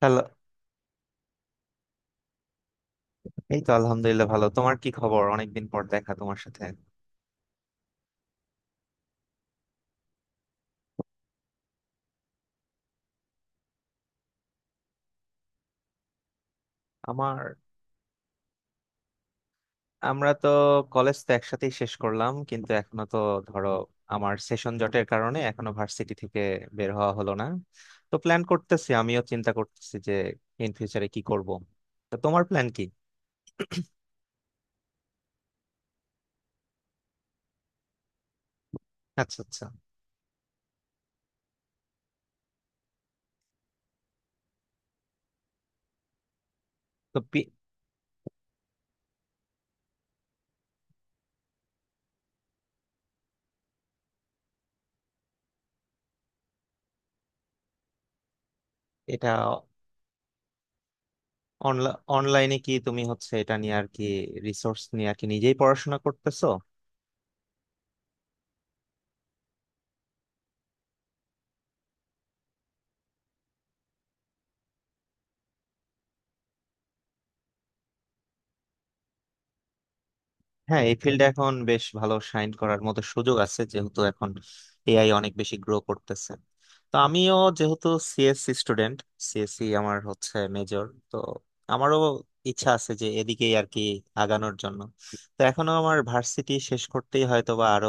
Hello. এই তো আলহামদুলিল্লাহ, ভালো। তোমার কি খবর? অনেকদিন পর দেখা তোমার সাথে। আমার আমরা তো কলেজ তো একসাথেই শেষ করলাম, কিন্তু এখনো তো ধরো আমার সেশন জটের কারণে এখনো ভার্সিটি থেকে বের হওয়া হলো না। তো প্ল্যান করতেছি, আমিও চিন্তা করতেছি যে ইন ফিউচারে কি করব। তো তোমার প্ল্যান কি? আচ্ছা, আচ্ছা। তো পি- এটা অনলাইনে কি তুমি হচ্ছে এটা নিয়ে আর কি রিসোর্স নিয়ে আর কি নিজেই পড়াশোনা করতেছো? হ্যাঁ, এই ফিল্ডে এখন বেশ ভালো শাইন করার মতো সুযোগ আছে, যেহেতু এখন এআই অনেক বেশি গ্রো করতেছে। তো আমিও যেহেতু সিএসসি স্টুডেন্ট, সিএসসি আমার হচ্ছে মেজর, তো আমারও ইচ্ছা আছে যে এদিকেই আর কি আগানোর জন্য। তো এখনো আমার ভার্সিটি শেষ করতেই হয়তো বা আরো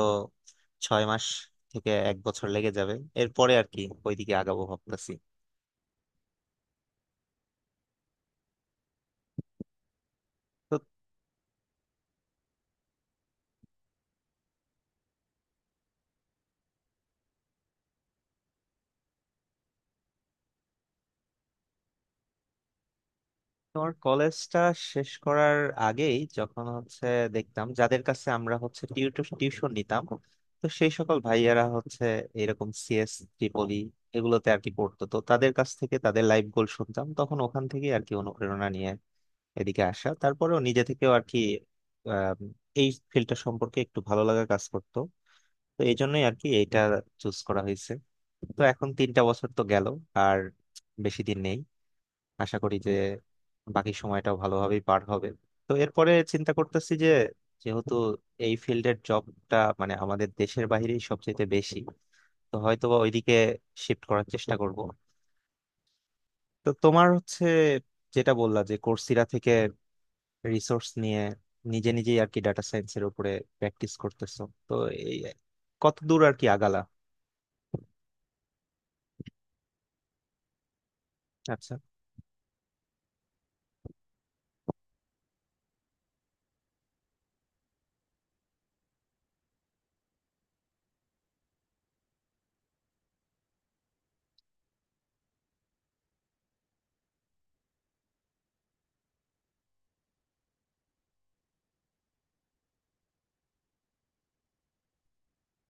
6 মাস থেকে এক বছর লেগে যাবে। এরপরে আর কি ওইদিকে আগাবো ভাবতেছি। তোমার কলেজটা শেষ করার আগেই যখন হচ্ছে দেখতাম যাদের কাছে আমরা হচ্ছে টিউশন নিতাম, তো সেই সকল ভাইয়ারা হচ্ছে এরকম সিএস ট্রিপলি এগুলোতে আর কি পড়তো, তো তাদের কাছ থেকে তাদের লাইফ গোল শুনতাম, তখন ওখান থেকে আর কি অনুপ্রেরণা নিয়ে এদিকে আসা। তারপরেও নিজে থেকেও আর কি আহ এই ফিল্ডটা সম্পর্কে একটু ভালো লাগা কাজ করতো, তো এই জন্যই আর কি এইটা চুজ করা হয়েছে। তো এখন 3টা বছর তো গেল, আর বেশি দিন নেই, আশা করি যে বাকি সময়টাও ভালোভাবেই পার হবে। তো এরপরে চিন্তা করতেছি যে যেহেতু এই ফিল্ডের জবটা মানে আমাদের দেশের বাইরেই সবচেয়ে বেশি, তো হয়তোবা ওইদিকে শিফট করার চেষ্টা করব। তো তোমার হচ্ছে যেটা বললা যে কোর্সেরা থেকে রিসোর্স নিয়ে নিজে নিজেই আর কি ডাটা সায়েন্সের উপরে প্র্যাকটিস করতেছো, তো এই কত দূর আর কি আগালা? আচ্ছা,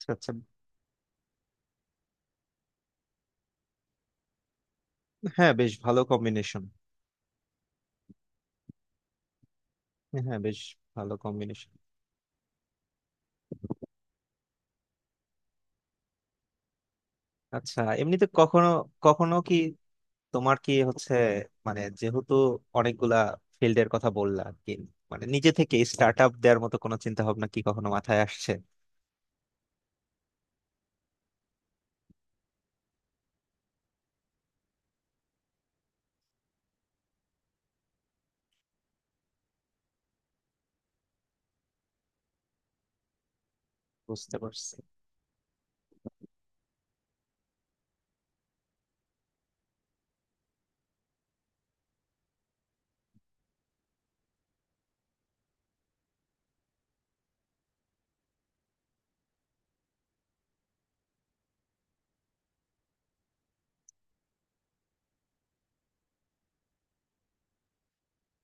আচ্ছা, আচ্ছা। হ্যাঁ, বেশ ভালো কম্বিনেশন। হ্যাঁ, বেশ ভালো কম্বিনেশন। আচ্ছা, এমনিতে কখনো কখনো কি তোমার কি হচ্ছে মানে, যেহেতু অনেকগুলা ফিল্ডের কথা বললা আর কি, মানে নিজে থেকে স্টার্ট আপ দেওয়ার মতো কোনো চিন্তা ভাবনা কি কখনো মাথায় আসছে? বুঝতে পারছি।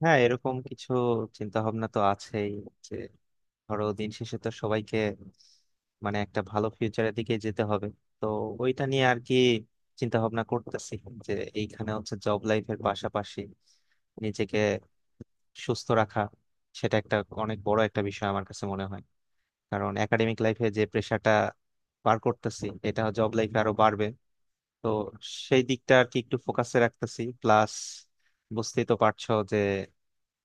হ্যাঁ, এরকম কিছু চিন্তা ভাবনা তো আছেই যে ধরো দিন শেষে তো সবাইকে মানে একটা ভালো ফিউচারের দিকে যেতে হবে। তো ওইটা নিয়ে আর কি চিন্তা ভাবনা করতেছি যে এইখানে হচ্ছে জব লাইফের পাশাপাশি নিজেকে সুস্থ রাখা, সেটা একটা অনেক বড় একটা বিষয় আমার কাছে মনে হয়। কারণ একাডেমিক লাইফে যে প্রেশারটা পার করতেছি, এটা জব লাইফে আরো বাড়বে। তো সেই দিকটা আর কি একটু ফোকাসে রাখতেছি, প্লাস বুঝতেই তো পারছো যে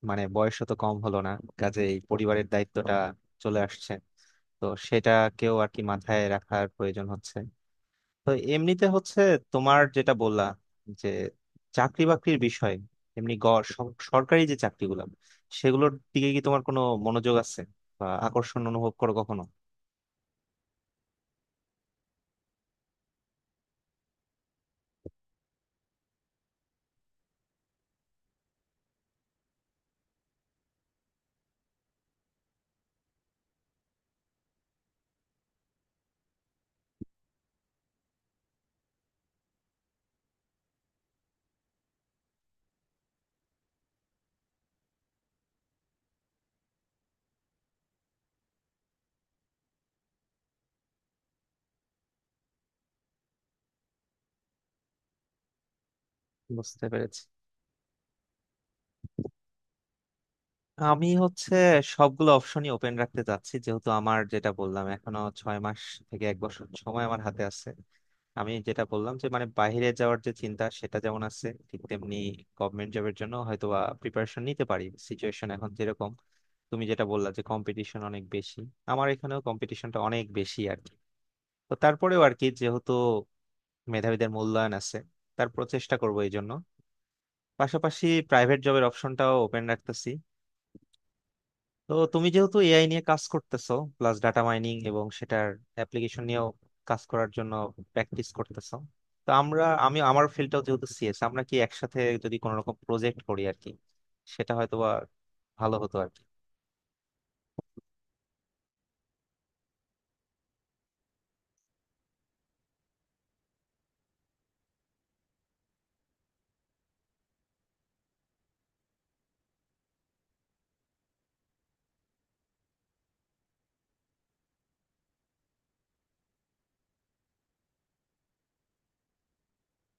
মানে বয়সও তো কম হলো না, কাজে এই পরিবারের দায়িত্বটা চলে আসছে, তো সেটাকেও আর কি মাথায় রাখার প্রয়োজন হচ্ছে। তো এমনিতে হচ্ছে তোমার যেটা বললা যে চাকরি বাকরির বিষয়, এমনি সরকারি যে চাকরিগুলো সেগুলোর দিকে কি তোমার কোনো মনোযোগ আছে বা আকর্ষণ অনুভব করো কখনো? বুঝতে পেরেছি। আমি হচ্ছে সবগুলো অপশনই ওপেন রাখতে চাচ্ছি, যেহেতু আমার যেটা বললাম এখনো 6 মাস থেকে এক বছর সময় আমার হাতে আছে। আমি যেটা বললাম যে মানে বাইরে যাওয়ার যে চিন্তা সেটা যেমন আছে, ঠিক তেমনি গভর্নমেন্ট জবের জন্য হয়তো বা প্রিপারেশন নিতে পারি, সিচুয়েশন এখন যেরকম। তুমি যেটা বললা যে কম্পিটিশন অনেক বেশি, আমার এখানেও কম্পিটিশনটা অনেক বেশি আর কি। তো তারপরেও আর কি যেহেতু মেধাবীদের মূল্যায়ন আছে, তার প্রচেষ্টা করবো। এই জন্য পাশাপাশি প্রাইভেট জবের অপশনটাও ওপেন রাখতেছি। তো তুমি যেহেতু এআই নিয়ে কাজ করতেছো প্লাস ডাটা মাইনিং এবং সেটার অ্যাপ্লিকেশন নিয়েও কাজ করার জন্য প্র্যাকটিস করতেছো, তো আমি আমার ফিল্ডটাও যেহেতু সিএস, আমরা কি একসাথে যদি কোনো রকম প্রজেক্ট করি আর কি, সেটা হয়তো বা ভালো হতো আর কি।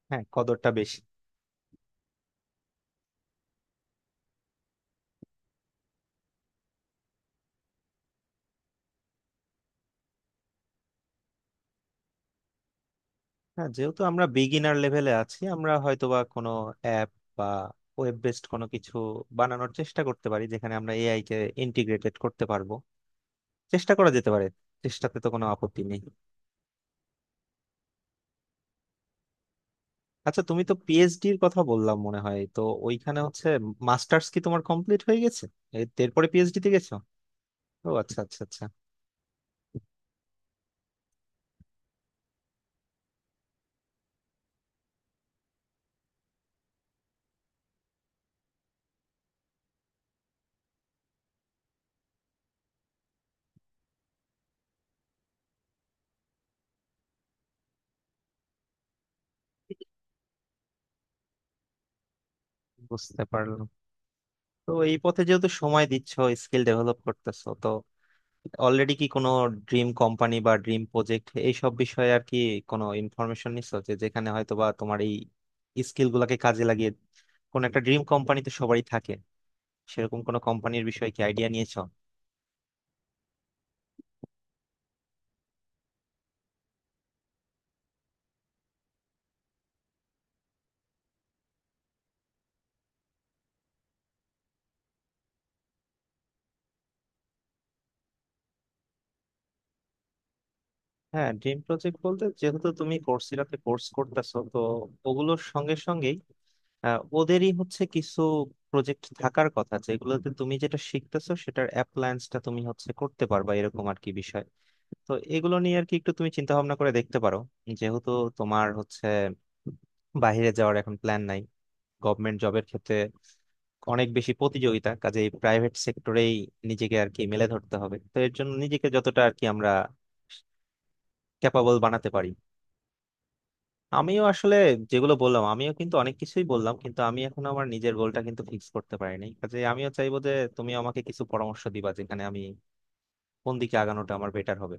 হ্যাঁ, কদরটা বেশি। হ্যাঁ, যেহেতু আমরা বিগিনার লেভেলে আছি, আমরা হয়তোবা কোনো অ্যাপ বা ওয়েব বেসড কোনো কিছু বানানোর চেষ্টা করতে পারি, যেখানে আমরা এআই কে ইন্টিগ্রেটেড করতে পারবো। চেষ্টা করা যেতে পারে। চেষ্টাতে তো কোনো আপত্তি নেই। আচ্ছা, তুমি তো পিএইচডি এর কথা বললাম মনে হয় তো, ওইখানে হচ্ছে মাস্টার্স কি তোমার কমপ্লিট হয়ে গেছে এরপরে পিএইচডি তে গেছো? ও আচ্ছা, আচ্ছা, আচ্ছা। বুঝতে পারলাম। তো এই পথে যেহেতু সময় দিচ্ছ, স্কিল ডেভেলপ করতেছো, তো অলরেডি কি কোনো ড্রিম কোম্পানি বা ড্রিম প্রজেক্ট এইসব বিষয়ে আর কি কোনো ইনফরমেশন নিছো, যে যেখানে হয়তো বা তোমার এই স্কিল গুলাকে কাজে লাগিয়ে কোন একটা ড্রিম কোম্পানি তো সবারই থাকে, সেরকম কোনো কোম্পানির বিষয়ে কি আইডিয়া নিয়েছো? হ্যাঁ, ড্রিম প্রজেক্ট বলতে যেহেতু তুমি কোর্সেরাতে কোর্স করতেছো, তো ওগুলোর সঙ্গে সঙ্গেই ওদেরই হচ্ছে কিছু প্রজেক্ট থাকার কথা, যেগুলোতে তুমি যেটা শিখতেছো সেটার অ্যাপ্লায়েন্সটা তুমি হচ্ছে করতে পারবা, এরকম আর কি বিষয়। তো এগুলো নিয়ে আর কি একটু তুমি চিন্তা ভাবনা করে দেখতে পারো, যেহেতু তোমার হচ্ছে বাইরে যাওয়ার এখন প্ল্যান নাই, গভর্নমেন্ট জবের ক্ষেত্রে অনেক বেশি প্রতিযোগিতা, কাজে এই প্রাইভেট সেক্টরেই নিজেকে আর কি মেলে ধরতে হবে। তো এর জন্য নিজেকে যতটা আর কি আমরা ক্যাপাবল বানাতে পারি। আমিও আসলে যেগুলো বললাম, আমিও কিন্তু অনেক কিছুই বললাম, কিন্তু আমি এখন আমার নিজের গোলটা কিন্তু ফিক্স করতে পারি নাই, কাজে আমিও চাইবো যে তুমি আমাকে কিছু পরামর্শ দিবা যেখানে আমি কোন দিকে আগানোটা আমার বেটার হবে।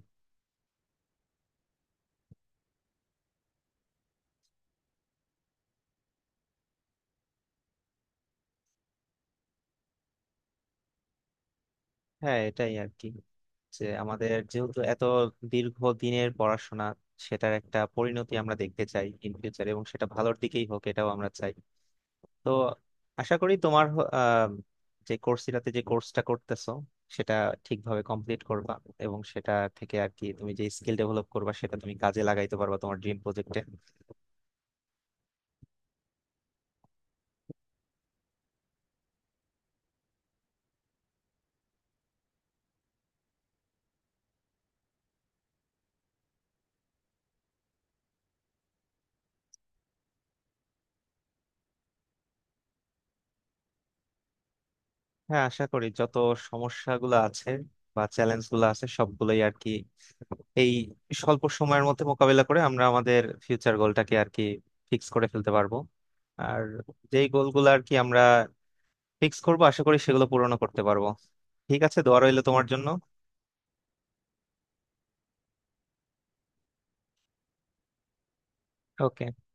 হ্যাঁ, এটাই আর কি যে আমাদের যেহেতু এত দীর্ঘ দিনের পড়াশোনা, সেটার একটা পরিণতি আমরা দেখতে চাই ইন ফিউচার, এবং সেটা ভালোর দিকেই হোক এটাও আমরা চাই। তো আশা করি তোমার যে কোর্সটা করতেছো সেটা ঠিকভাবে কমপ্লিট করবা, এবং সেটা থেকে আর কি তুমি যে স্কিল ডেভেলপ করবা সেটা তুমি কাজে লাগাইতে পারবা তোমার ড্রিম প্রজেক্টে। হ্যাঁ, আশা করি যত সমস্যাগুলো আছে বা চ্যালেঞ্জ গুলো আছে সবগুলোই আর কি এই স্বল্প সময়ের মধ্যে মোকাবিলা করে আমরা আমাদের ফিউচার গোলটাকে আর কি ফিক্স করে ফেলতে পারবো। আর যেই গোলগুলো আর কি আমরা ফিক্স করবো, আশা করি সেগুলো পূরণও করতে পারবো। ঠিক আছে, দোয়া রইলো তোমার জন্য। ওকে।